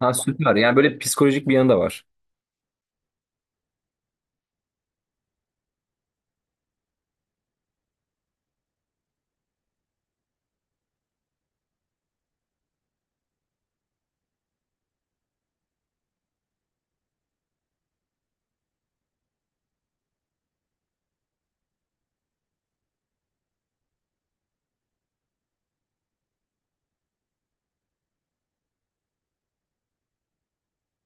Ha, süper. Yani böyle psikolojik bir yanı da var.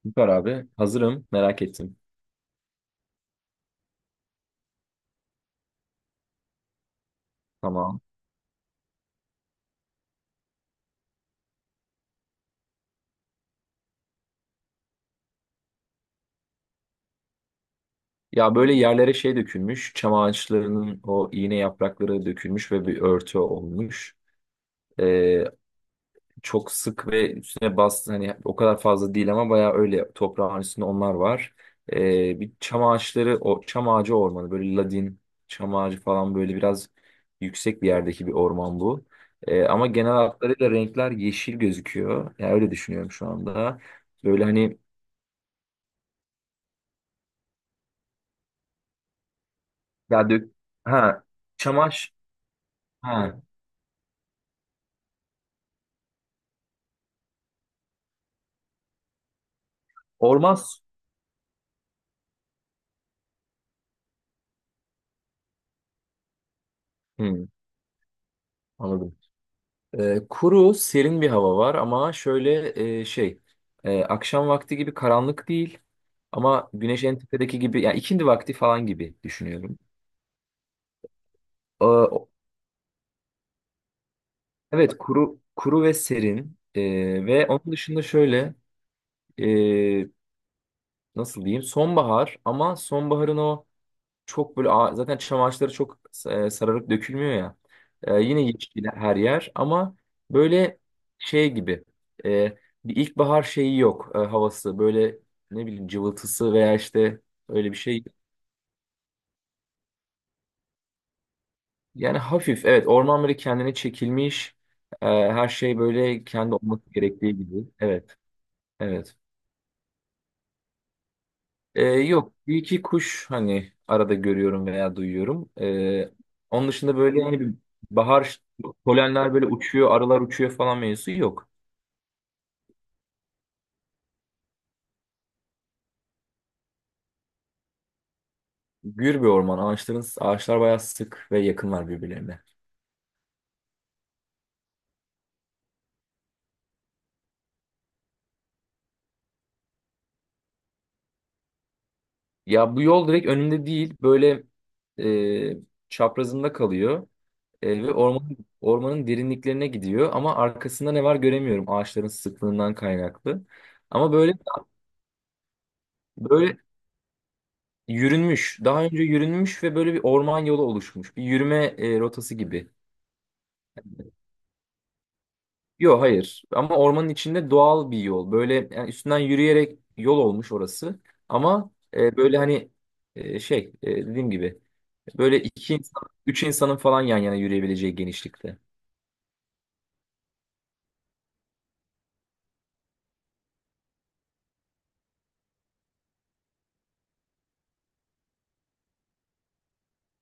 Süper abi. Hazırım. Merak ettim. Tamam. Ya böyle yerlere şey dökülmüş. Çam ağaçlarının o iğne yaprakları dökülmüş ve bir örtü olmuş. Ee, Çok sık ve üstüne bastı hani o kadar fazla değil ama bayağı öyle toprağın üstünde onlar var. Bir çam ağaçları o çam ağacı ormanı böyle ladin çam ağacı falan böyle biraz yüksek bir yerdeki bir orman bu. Ama genel hatlarıyla renkler yeşil gözüküyor. Yani öyle düşünüyorum şu anda. Böyle hani ya dök ha çamaş ha orman su- Hı, anladım. Kuru serin bir hava var ama şöyle e, şey akşam vakti gibi karanlık değil. Ama güneş en tepedeki gibi yani ikindi vakti falan gibi düşünüyorum. Ee, o- evet, kuru ve serin. Ve onun dışında şöyle, ee, nasıl diyeyim, sonbahar ama sonbaharın o çok böyle zaten çam ağaçları çok sararıp dökülmüyor ya. Yine yeşil her yer ama böyle şey gibi, ee, bir ilkbahar şeyi yok, havası böyle, ne bileyim, cıvıltısı veya işte, öyle bir şey. Yani hafif, evet, orman böyle kendine çekilmiş. Her şey böyle kendi olması gerektiği gibi. Evet, evet. Yok, bir iki kuş hani arada görüyorum veya duyuyorum. Onun dışında böyle hani bir bahar polenler böyle uçuyor, arılar uçuyor falan mevzusu yok. Gür bir orman, ağaçlar bayağı sık ve yakınlar birbirlerine. Ya bu yol direkt önünde değil, böyle e, çaprazında kalıyor. Ve ormanın derinliklerine gidiyor ama arkasında ne var göremiyorum, ağaçların sıklığından kaynaklı. Ama böyle, böyle yürünmüş, daha önce yürünmüş ve böyle bir orman yolu oluşmuş. Bir yürüme rotası gibi. Yok, hayır, ama ormanın içinde doğal bir yol. Böyle yani üstünden yürüyerek yol olmuş orası. Ama e, böyle hani e, şey e, Dediğim gibi, böyle iki insan, üç insanın falan yan yana yürüyebileceği genişlikte.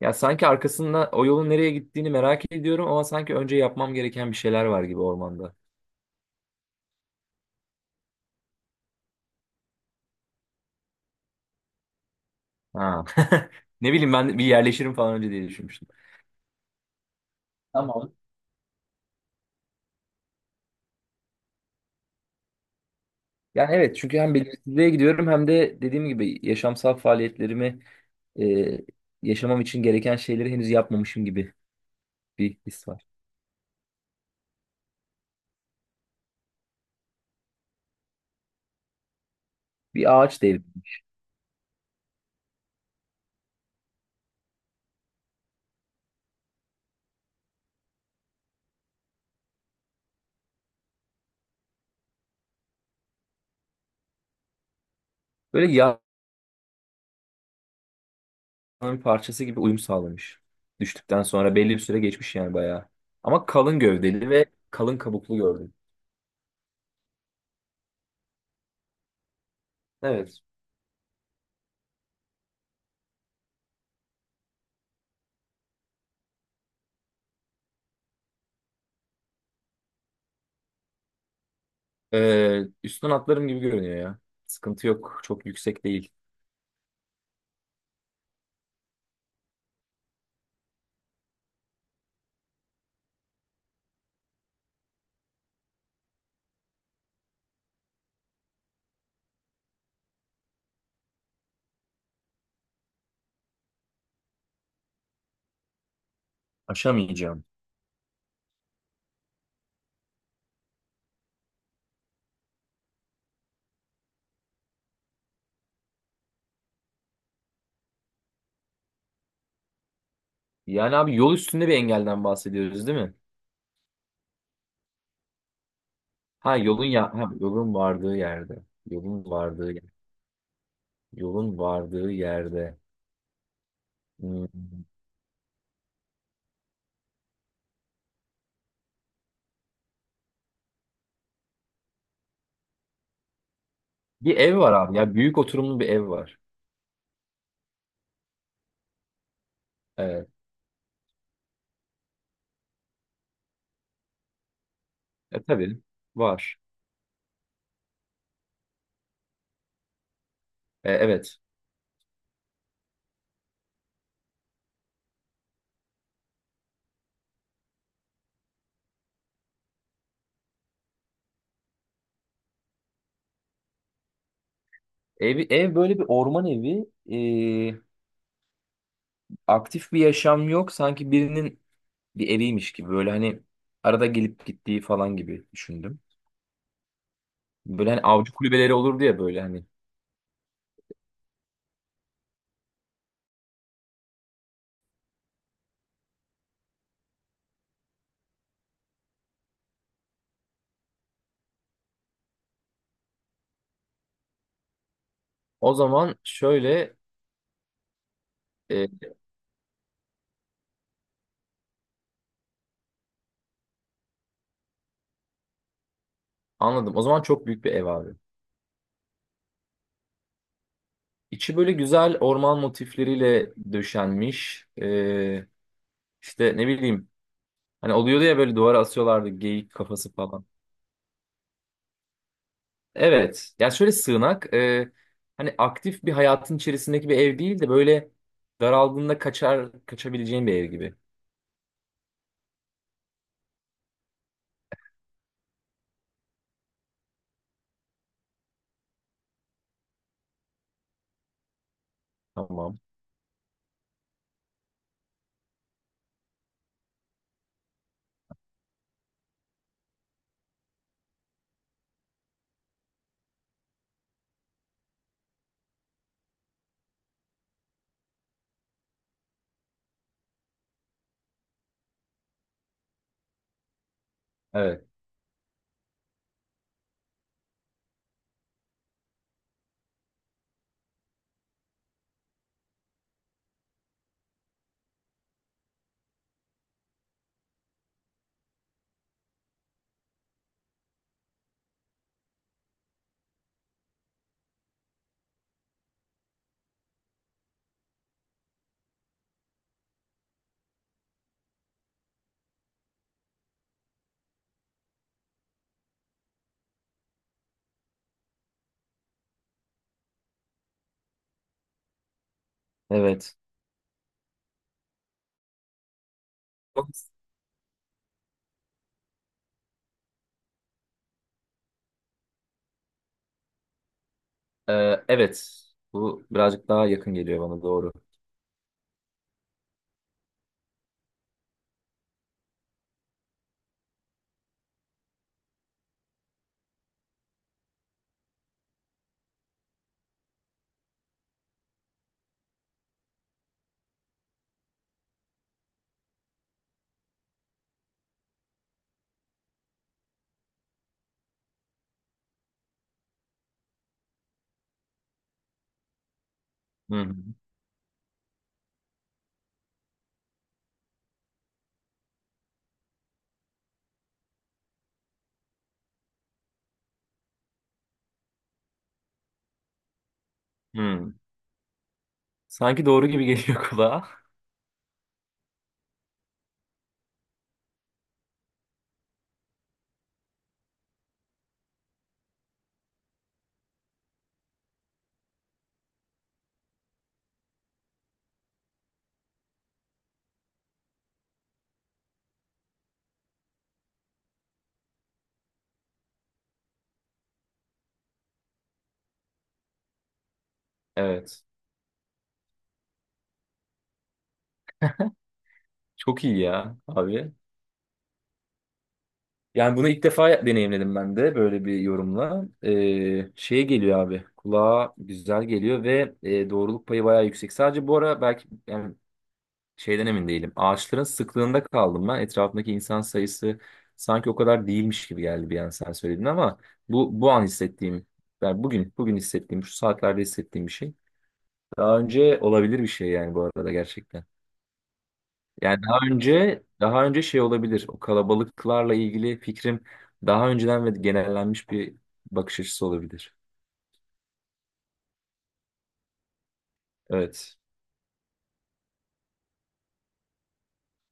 Ya sanki arkasında o yolun nereye gittiğini merak ediyorum ama sanki önce yapmam gereken bir şeyler var gibi ormanda. Ha. Ne bileyim, ben bir yerleşirim falan önce diye düşünmüştüm. Tamam. Yani evet, çünkü hem belirsizliğe gidiyorum hem de dediğim gibi yaşamsal faaliyetlerimi, e, yaşamam için gereken şeyleri henüz yapmamışım gibi bir his var. Bir ağaç değil. Böyle yağın bir parçası gibi uyum sağlamış. Düştükten sonra belli bir süre geçmiş yani bayağı. Ama kalın gövdeli ve kalın kabuklu gördüm. Evet. Üstten atlarım gibi görünüyor ya. Sıkıntı yok. Çok yüksek değil. Aşamayacağım. Yani abi, yol üstünde bir engelden bahsediyoruz değil mi? Ha yolun, ya ha, yolun vardığı yerde. Yolun vardığı yer- Yolun vardığı yerde. Hmm. Bir ev var abi ya. Büyük oturumlu bir ev var. Evet. E, tabii var. E, evet. Ev, böyle bir orman evi. E, aktif bir yaşam yok. Sanki birinin bir eviymiş gibi. Böyle hani arada gelip gittiği falan gibi düşündüm. Böyle hani avcı kulübeleri olurdu ya böyle hani. O zaman şöyle e, Anladım. O zaman çok büyük bir ev abi. İçi böyle güzel orman motifleriyle döşenmiş. E, işte ne bileyim, hani oluyordu ya böyle, duvara asıyorlardı geyik kafası falan. Evet. Ya şöyle sığınak, hani aktif bir hayatın içerisindeki bir ev değil de böyle daraldığında kaçar kaçabileceğin bir ev gibi. Tamam. Evet. Evet. E, evet. Bu birazcık daha yakın geliyor bana doğru. Hı hı. Hı. Sanki doğru gibi geliyor kulağa. Evet. Çok iyi ya abi. Yani bunu ilk defa deneyimledim ben de böyle bir yorumla. E, şeye geliyor abi. Kulağa güzel geliyor ve doğruluk payı bayağı yüksek. Sadece bu ara belki yani, şeyden emin değilim. Ağaçların sıklığında kaldım ben. Etrafındaki insan sayısı sanki o kadar değilmiş gibi geldi bir an sen söyledin ama bu an hissettiğim, yani bugün hissettiğim, şu saatlerde hissettiğim bir şey. Daha önce olabilir bir şey yani, bu arada gerçekten. Yani daha önce şey olabilir. O kalabalıklarla ilgili fikrim daha önceden ve genellenmiş bir bakış açısı olabilir. Evet.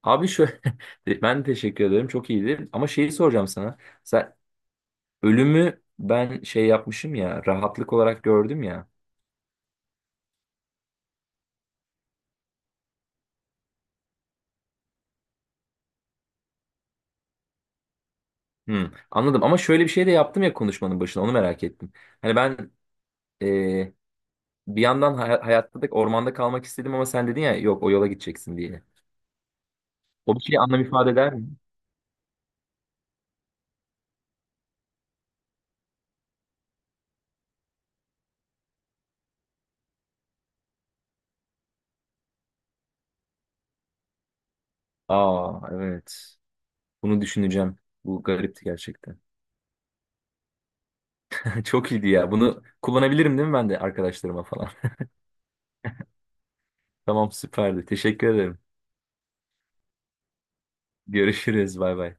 Abi şöyle, ben teşekkür ederim. Çok iyiydi. Ama şeyi soracağım sana. Sen, ölümü ben şey yapmışım ya, rahatlık olarak gördüm ya. Hmm, anladım, ama şöyle bir şey de yaptım ya, konuşmanın başına onu merak ettim. Hani ben, e, bir yandan hayatta da ormanda kalmak istedim ama sen dedin ya yok, o yola gideceksin diye. O bir şey anlam ifade eder mi? Aa evet. Bunu düşüneceğim. Bu garipti gerçekten. Çok iyiydi ya. Bunu kullanabilirim değil mi, ben de arkadaşlarıma falan? Tamam, süperdi. Teşekkür ederim. Görüşürüz. Bay bay.